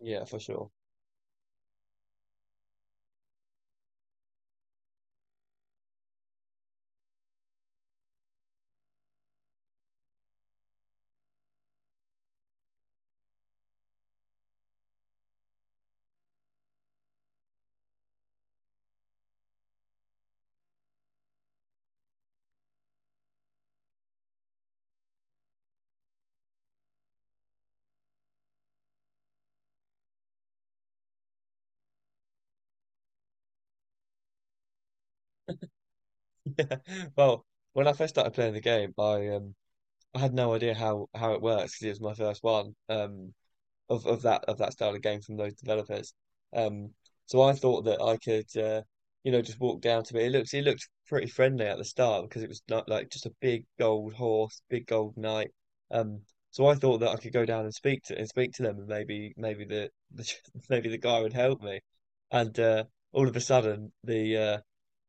Yeah, for sure. Yeah. Well, when I first started playing the game, I had no idea how it works 'cause it was my first one. Of that style of game from those developers. Um, so I thought that I could, just walk down to it. It looked pretty friendly at the start because it was not like just a big gold horse, big gold knight. Um, so I thought that I could go down and speak to them, and maybe maybe the maybe the guy would help me. And All of a sudden, the uh,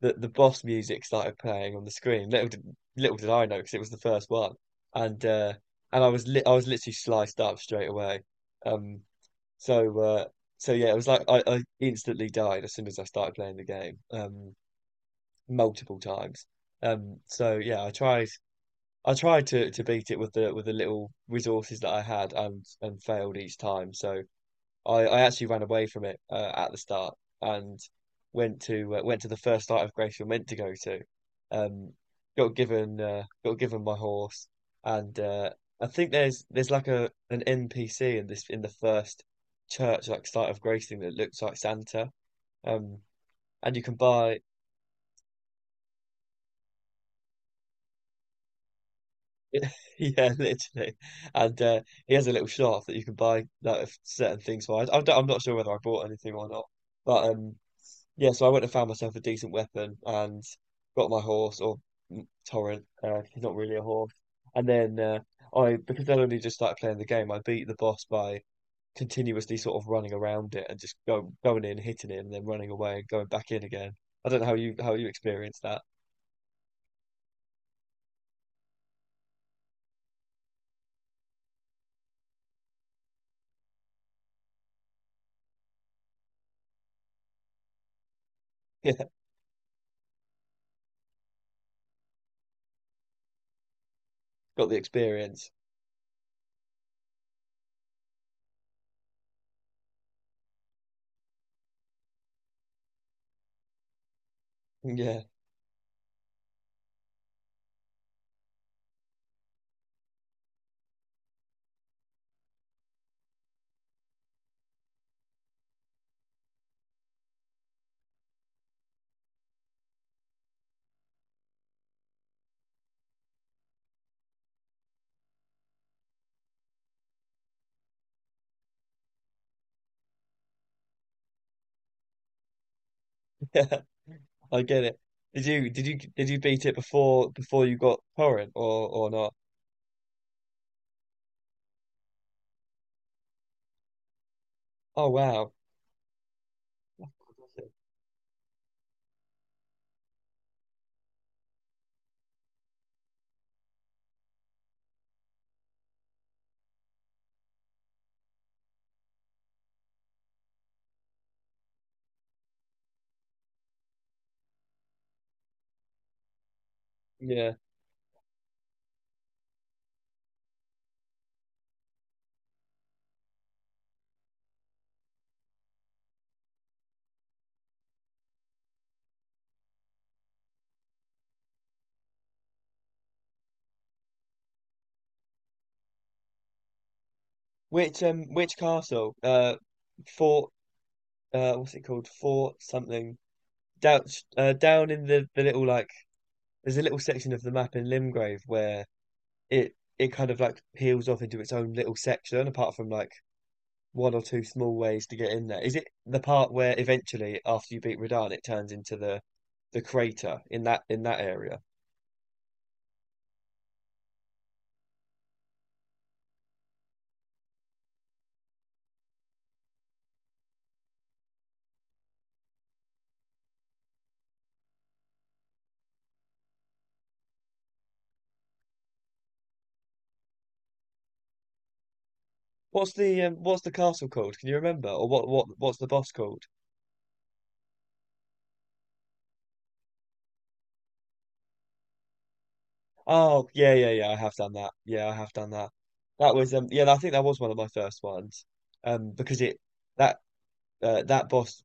the the boss music started playing on the screen. Little did I know because it was the first one, and uh, and I was literally sliced up straight away. Um, so uh, so yeah, it was like I instantly died as soon as I started playing the game, multiple times. So yeah, I tried to beat it with the little resources that I had and failed each time. So I actually ran away from it at the start and went to the first start of Grace you're meant to go to. Um, got given my horse, and I think there's like a an NPC in this in the first church like start of Grace thing that looks like Santa. Um, and you can buy… Yeah, literally, and he has a little shop that you can buy like certain things for. I'm not sure whether I bought anything or not, but… Yeah, so I went and found myself a decent weapon and got my horse, or mm, torrent. He's not really a horse. And then uh, because I'd only just started playing the game, I beat the boss by continuously sort of running around it and going in, hitting it, and then running away and going back in again. I don't know how you experienced that. Yeah, got the experience. Yeah, yeah, I get it. Did you did you beat it before you got torrent, or not? Oh wow. Yeah. Which castle? Fort… uh, what's it called? Fort something. Down uh, down in the little like… there's a little section of the map in Limgrave where it kind of like peels off into its own little section apart from like one or two small ways to get in there. Is it the part where eventually after you beat Radahn it turns into the crater in that area? What's the castle called? Can you remember? Or what's the boss called? Oh, yeah, yeah, yeah. I have done that. Yeah, I have done that. That was yeah, I think that was one of my first ones, because it… that… that boss,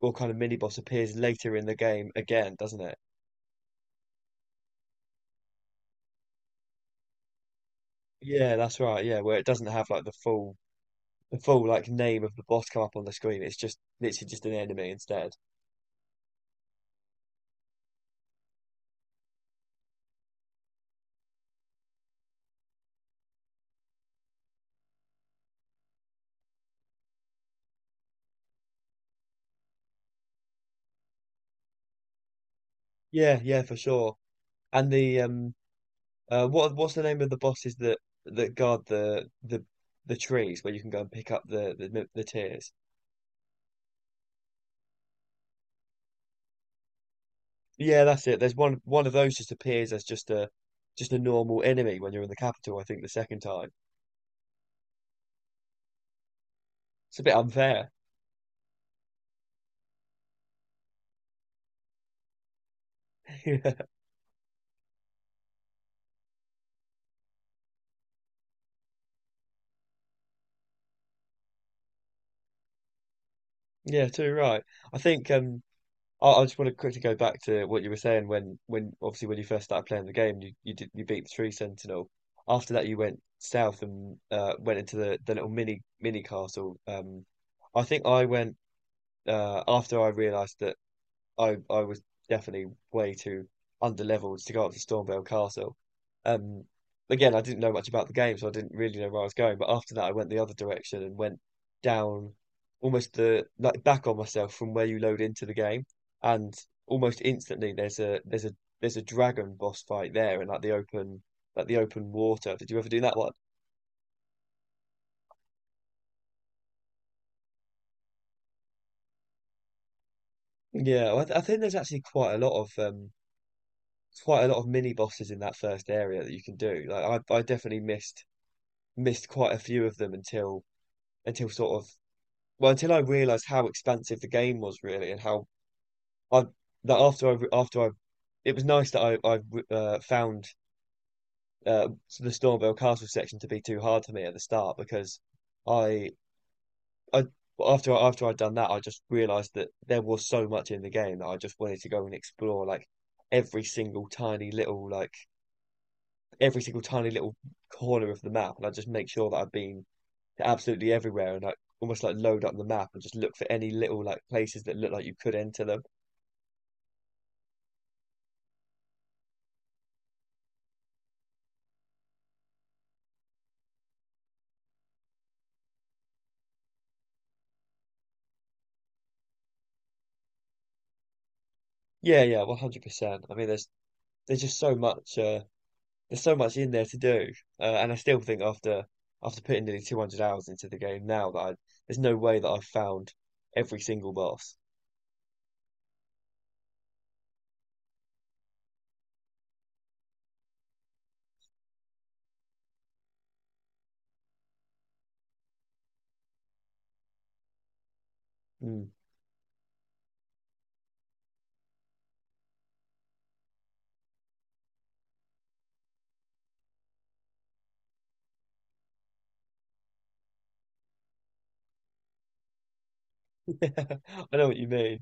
or kind of mini boss, appears later in the game again, doesn't it? Yeah, that's right. Yeah, where it doesn't have like the full like name of the boss come up on the screen. It's just literally just an enemy instead. Yeah, yeah, for sure. And the what what's the name of the bosses that guard the trees where you can go and pick up the tears? Yeah, that's it. There's one of those just appears as just a normal enemy when you're in the capital, I think the second time. It's a bit unfair. Yeah, yeah, too right. I think I just want to quickly go back to what you were saying when… obviously when you first started playing the game, you did… you beat the Tree Sentinel. After that you went south and went into the little mini castle. Um, I think I went… uh, after I realized that I was definitely way too underleveled to go up to Stormvale Castle. Um, Again, I didn't know much about the game, so I didn't really know where I was going. But after that, I went the other direction and went down, almost the like back on myself from where you load into the game, and almost instantly there's a there's a there's a dragon boss fight there in like the open, like the open water. Did you ever do that one? Yeah, I think there's actually quite a lot of mini bosses in that first area that you can do. Like I definitely missed quite a few of them until… until sort of until I realized how expansive the game was really, and how I that after I… it was nice that I found uh, the Stormvale Castle section to be too hard for me at the start, because I I after I'd done that I just realized that there was so much in the game that I just wanted to go and explore, like every single tiny little like every single tiny little corner of the map, and I just make sure that I've been absolutely everywhere, and like almost like load up the map and just look for any little like places that look like you could enter them. Yeah, yeah, 100%. I mean, there's just so much… there's so much in there to do. And I still think after putting nearly 200 hours into the game now that I there's no way that I've found every single boss. Mm. I know what you mean.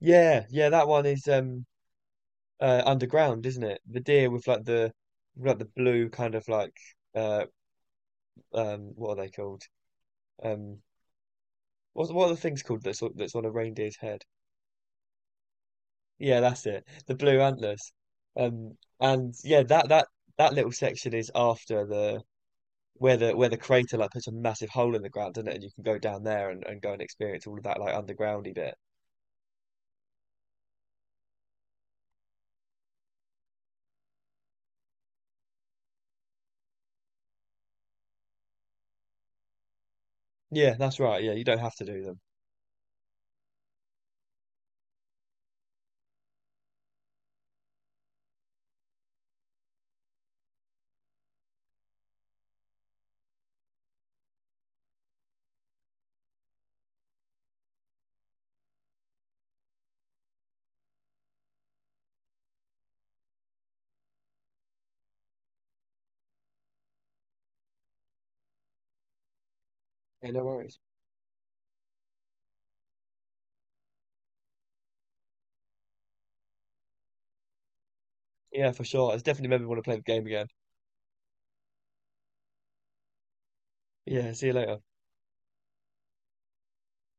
Yeah, yeah, that one is um, uh, underground, isn't it? The deer with like like the blue kind of like, uh, um, what are they called? Um, what are the things called that's on a reindeer's head? Yeah, that's it. The blue antlers. And yeah, that little section is after the where the crater like puts a massive hole in the ground, doesn't it? And you can go down there and go and experience all of that like undergroundy bit. Yeah, that's right. Yeah, you don't have to do them. Yeah, no worries. Yeah, for sure. I definitely made want to play the game again. Yeah, see you later.